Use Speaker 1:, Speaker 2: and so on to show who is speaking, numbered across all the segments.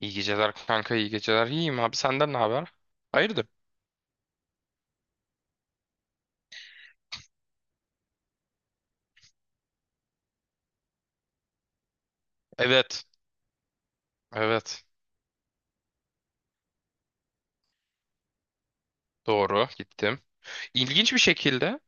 Speaker 1: İyi geceler kanka, iyi geceler. İyiyim abi, senden ne haber? Hayırdır? Evet, evet. Doğru, gittim. İlginç bir şekilde,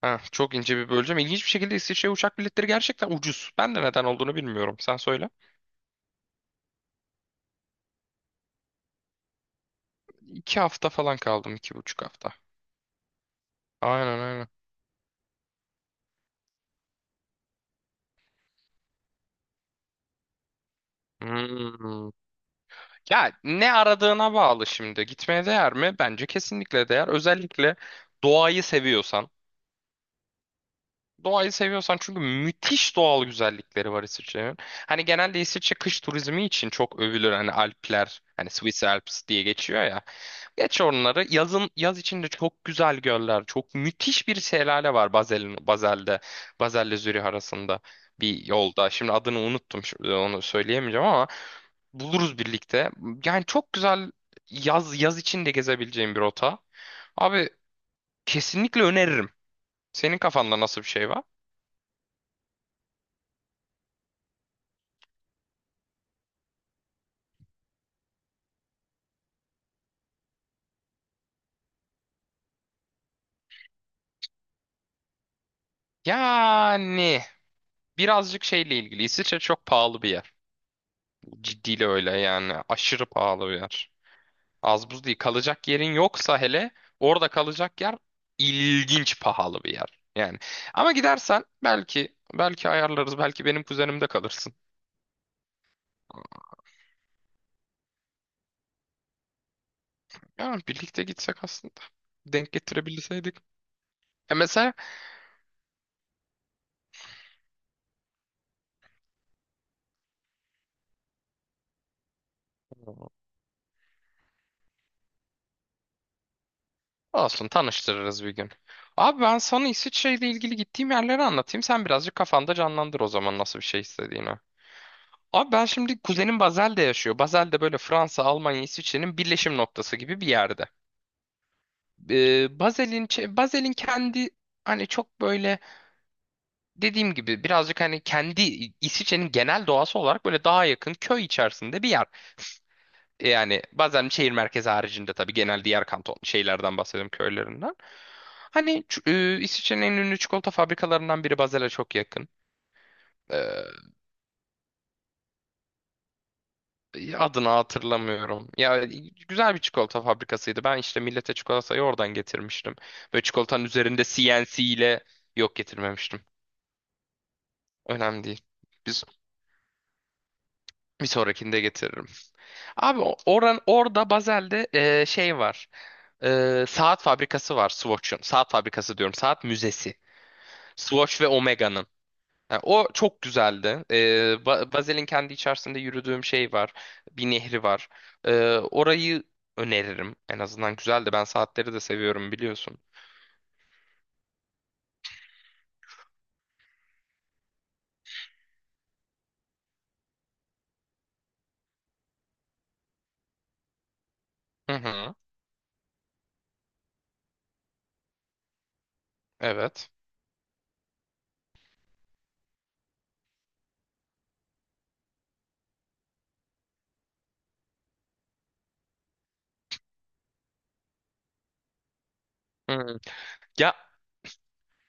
Speaker 1: ha, çok ince bir böleceğim. İlginç bir şekilde İsviçre uçak biletleri gerçekten ucuz. Ben de neden olduğunu bilmiyorum. Sen söyle. 2 hafta falan kaldım, 2,5 hafta. Aynen aynen. Hmm. Ya ne aradığına bağlı şimdi. Gitmeye değer mi? Bence kesinlikle değer. Özellikle doğayı seviyorsan. Doğayı seviyorsan çünkü müthiş doğal güzellikleri var İsviçre'nin. Hani genelde İsviçre kış turizmi için çok övülür. Hani Alpler, hani Swiss Alps diye geçiyor ya. Geç onları. Yazın yaz içinde çok güzel göller, çok müthiş bir şelale var Basel'de Baselle Zürih arasında bir yolda. Şimdi adını unuttum. Şimdi onu söyleyemeyeceğim ama buluruz birlikte. Yani çok güzel yaz yaz içinde gezebileceğim bir rota. Abi kesinlikle öneririm. Senin kafanda nasıl bir şey var? Yani birazcık şeyle ilgili. İsviçre çok pahalı bir yer. Ciddiyle öyle yani. Aşırı pahalı bir yer. Az buz değil. Kalacak yerin yoksa hele orada kalacak yer ilginç pahalı bir yer. Yani ama gidersen belki ayarlarız. Belki benim kuzenimde kalırsın. Yani birlikte gitsek aslında. Denk getirebilseydik. E mesela olsun tanıştırırız bir gün. Abi ben sana İsviçre ile ilgili gittiğim yerleri anlatayım. Sen birazcık kafanda canlandır o zaman nasıl bir şey istediğini. Abi ben şimdi kuzenim Basel'de yaşıyor. Basel'de böyle Fransa, Almanya, İsviçre'nin birleşim noktası gibi bir yerde. Basel'in kendi hani çok böyle dediğim gibi birazcık hani kendi İsviçre'nin genel doğası olarak böyle daha yakın köy içerisinde bir yer. Yani bazen şehir merkezi haricinde tabii genel diğer kanton şeylerden bahsediyorum köylerinden. Hani İsviçre'nin en ünlü çikolata fabrikalarından biri Basel'e çok yakın. Ee, Adını hatırlamıyorum. Ya güzel bir çikolata fabrikasıydı. Ben işte millete çikolatayı oradan getirmiştim. Böyle çikolatanın üzerinde CNC ile yok getirmemiştim. Önemli değil. Biz bir sonrakinde getiririm. Abi o- oran orada Bazel'de şey var. Saat fabrikası var Swatch'ın. Saat fabrikası diyorum. Saat müzesi. Swatch ve Omega'nın. Ha, o çok güzeldi. Bazel'in kendi içerisinde yürüdüğüm şey var. Bir nehri var. Orayı öneririm. En azından güzeldi. Ben saatleri de seviyorum biliyorsun. Hı hı. Evet. Hı. Ya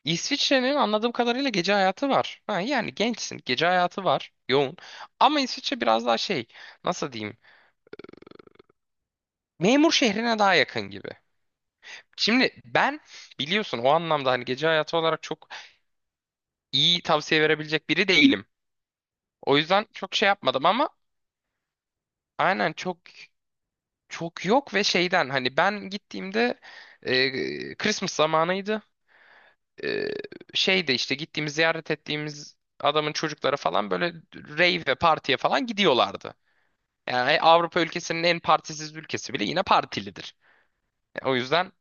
Speaker 1: İsviçre'nin anladığım kadarıyla gece hayatı var. Ha, yani gençsin. Gece hayatı var. Yoğun. Ama İsviçre biraz daha şey, nasıl diyeyim. Memur şehrine daha yakın gibi. Şimdi ben biliyorsun o anlamda hani gece hayatı olarak çok iyi tavsiye verebilecek biri değilim. O yüzden çok şey yapmadım ama aynen çok çok yok ve şeyden hani ben gittiğimde Christmas zamanıydı. E, Şeyde işte gittiğimiz ziyaret ettiğimiz adamın çocukları falan böyle rave ve partiye falan gidiyorlardı. Yani Avrupa ülkesinin en partisiz ülkesi bile yine partilidir. O yüzden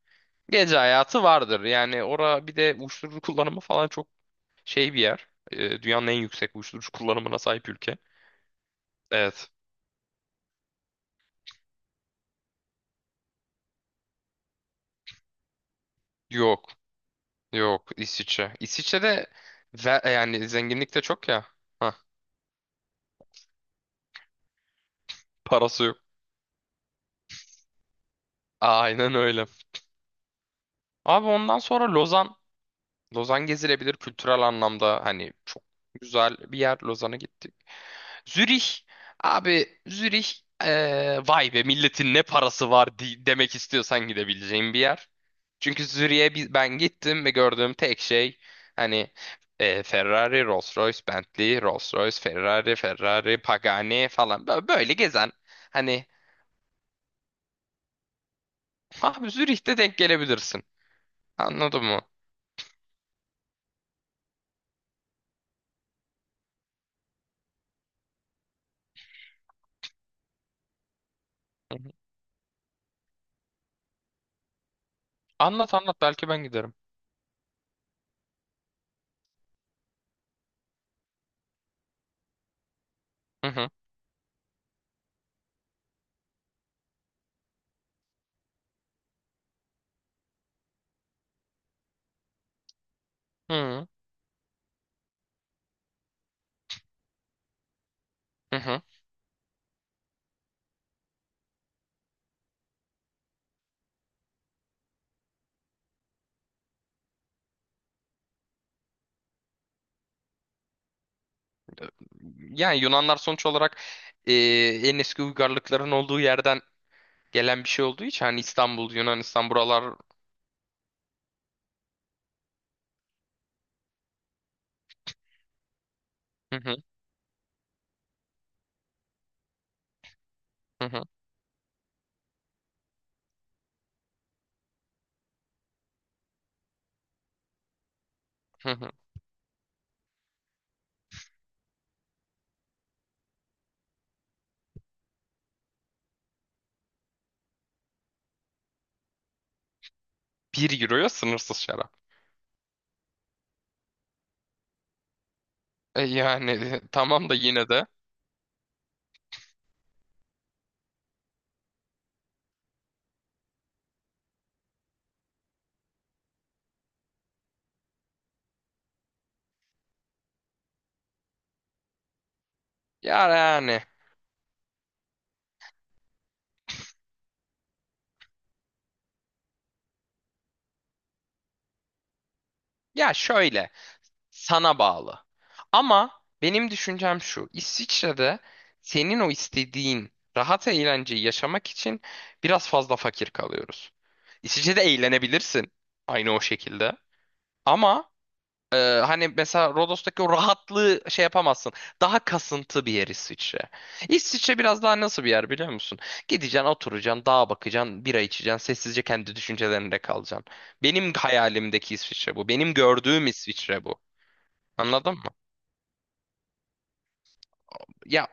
Speaker 1: gece hayatı vardır. Yani ora bir de uyuşturucu kullanımı falan çok şey bir yer. Dünyanın en yüksek uyuşturucu kullanımına sahip ülke. Evet. Yok. Yok İsviçre. İsviçre'de yani zenginlik de çok ya. Hah, parası yok. Aynen öyle. Abi ondan sonra Lozan. Lozan gezilebilir kültürel anlamda. Hani çok güzel bir yer. Lozan'a gittik. Zürih abi Zürih, vay be milletin ne parası var demek istiyorsan gidebileceğin bir yer. Çünkü Zürih'e ben gittim ve gördüğüm tek şey hani Ferrari, Rolls-Royce, Bentley, Rolls-Royce, Ferrari, Ferrari, Pagani falan, böyle gezen hani abi Zürih'te denk gelebilirsin. Anladın mı? Hı hı. Anlat anlat belki ben giderim. Hı hı. Hı hı. Hı hı. Yani Yunanlar sonuç olarak en eski uygarlıkların olduğu yerden gelen bir şey olduğu için hani İstanbul, Yunanistan buralar. Hı hı, hı hı, hı hı. 1 euroya sınırsız şarap. Yani, tamam da yine de, ya yani, ya şöyle, sana bağlı. Ama benim düşüncem şu. İsviçre'de senin o istediğin rahat eğlenceyi yaşamak için biraz fazla fakir kalıyoruz. İsviçre'de eğlenebilirsin aynı o şekilde. Ama hani mesela Rodos'taki o rahatlığı şey yapamazsın. Daha kasıntı bir yer İsviçre. İsviçre biraz daha nasıl bir yer biliyor musun? Gideceksin, oturacaksın, dağa bakacaksın, bira içeceksin, sessizce kendi düşüncelerinde kalacaksın. Benim hayalimdeki İsviçre bu. Benim gördüğüm İsviçre bu. Anladın mı? Ya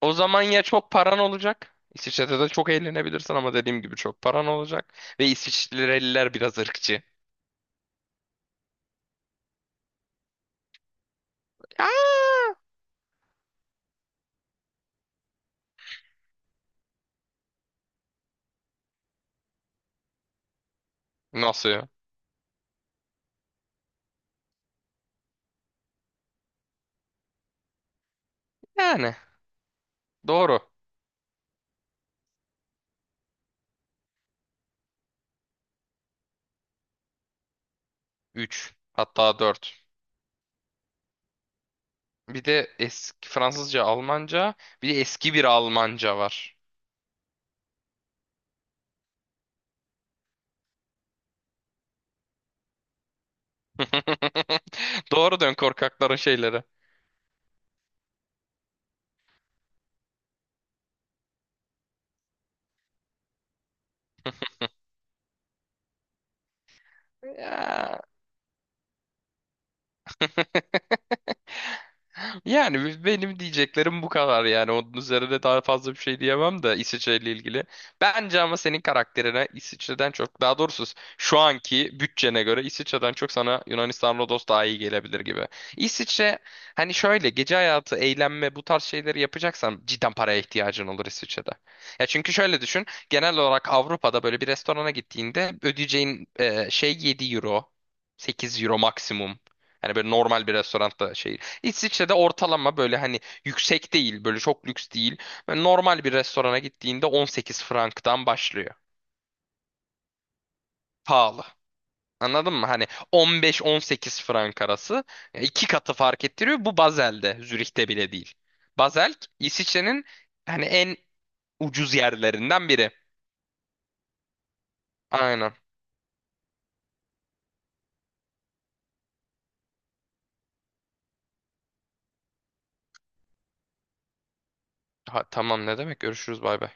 Speaker 1: o zaman ya çok paran olacak. İsviçre'de de çok eğlenebilirsin ama dediğim gibi çok paran olacak. Ve İsviçreliler biraz ırkçı. Aa! Nasıl ya? Yani doğru. Üç, hatta 4. Bir de eski Fransızca, Almanca, bir de eski bir Almanca var. Doğru, dön korkakların şeyleri. Ya. Yani benim diyeceklerim bu kadar, yani onun üzerine daha fazla bir şey diyemem de İsviçre ile ilgili. Bence ama senin karakterine İsviçre'den çok, daha doğrusu şu anki bütçene göre İsviçre'den çok sana Yunanistan, Rodos daha iyi gelebilir gibi. İsviçre hani, şöyle gece hayatı, eğlenme bu tarz şeyleri yapacaksan cidden paraya ihtiyacın olur İsviçre'de. Ya çünkü şöyle düşün, genel olarak Avrupa'da böyle bir restorana gittiğinde ödeyeceğin şey 7 euro, 8 euro maksimum. Hani böyle normal bir restoranda şey, İsviçre'de ortalama böyle hani yüksek değil, böyle çok lüks değil. Böyle normal bir restorana gittiğinde 18 franktan başlıyor. Pahalı. Anladın mı? Hani 15-18 frank arası. Ya iki katı fark ettiriyor. Bu Basel'de, Zürih'te bile değil. Basel, İsviçre'nin hani en ucuz yerlerinden biri. Aynen. Ha, tamam, ne demek? Görüşürüz, bay bay.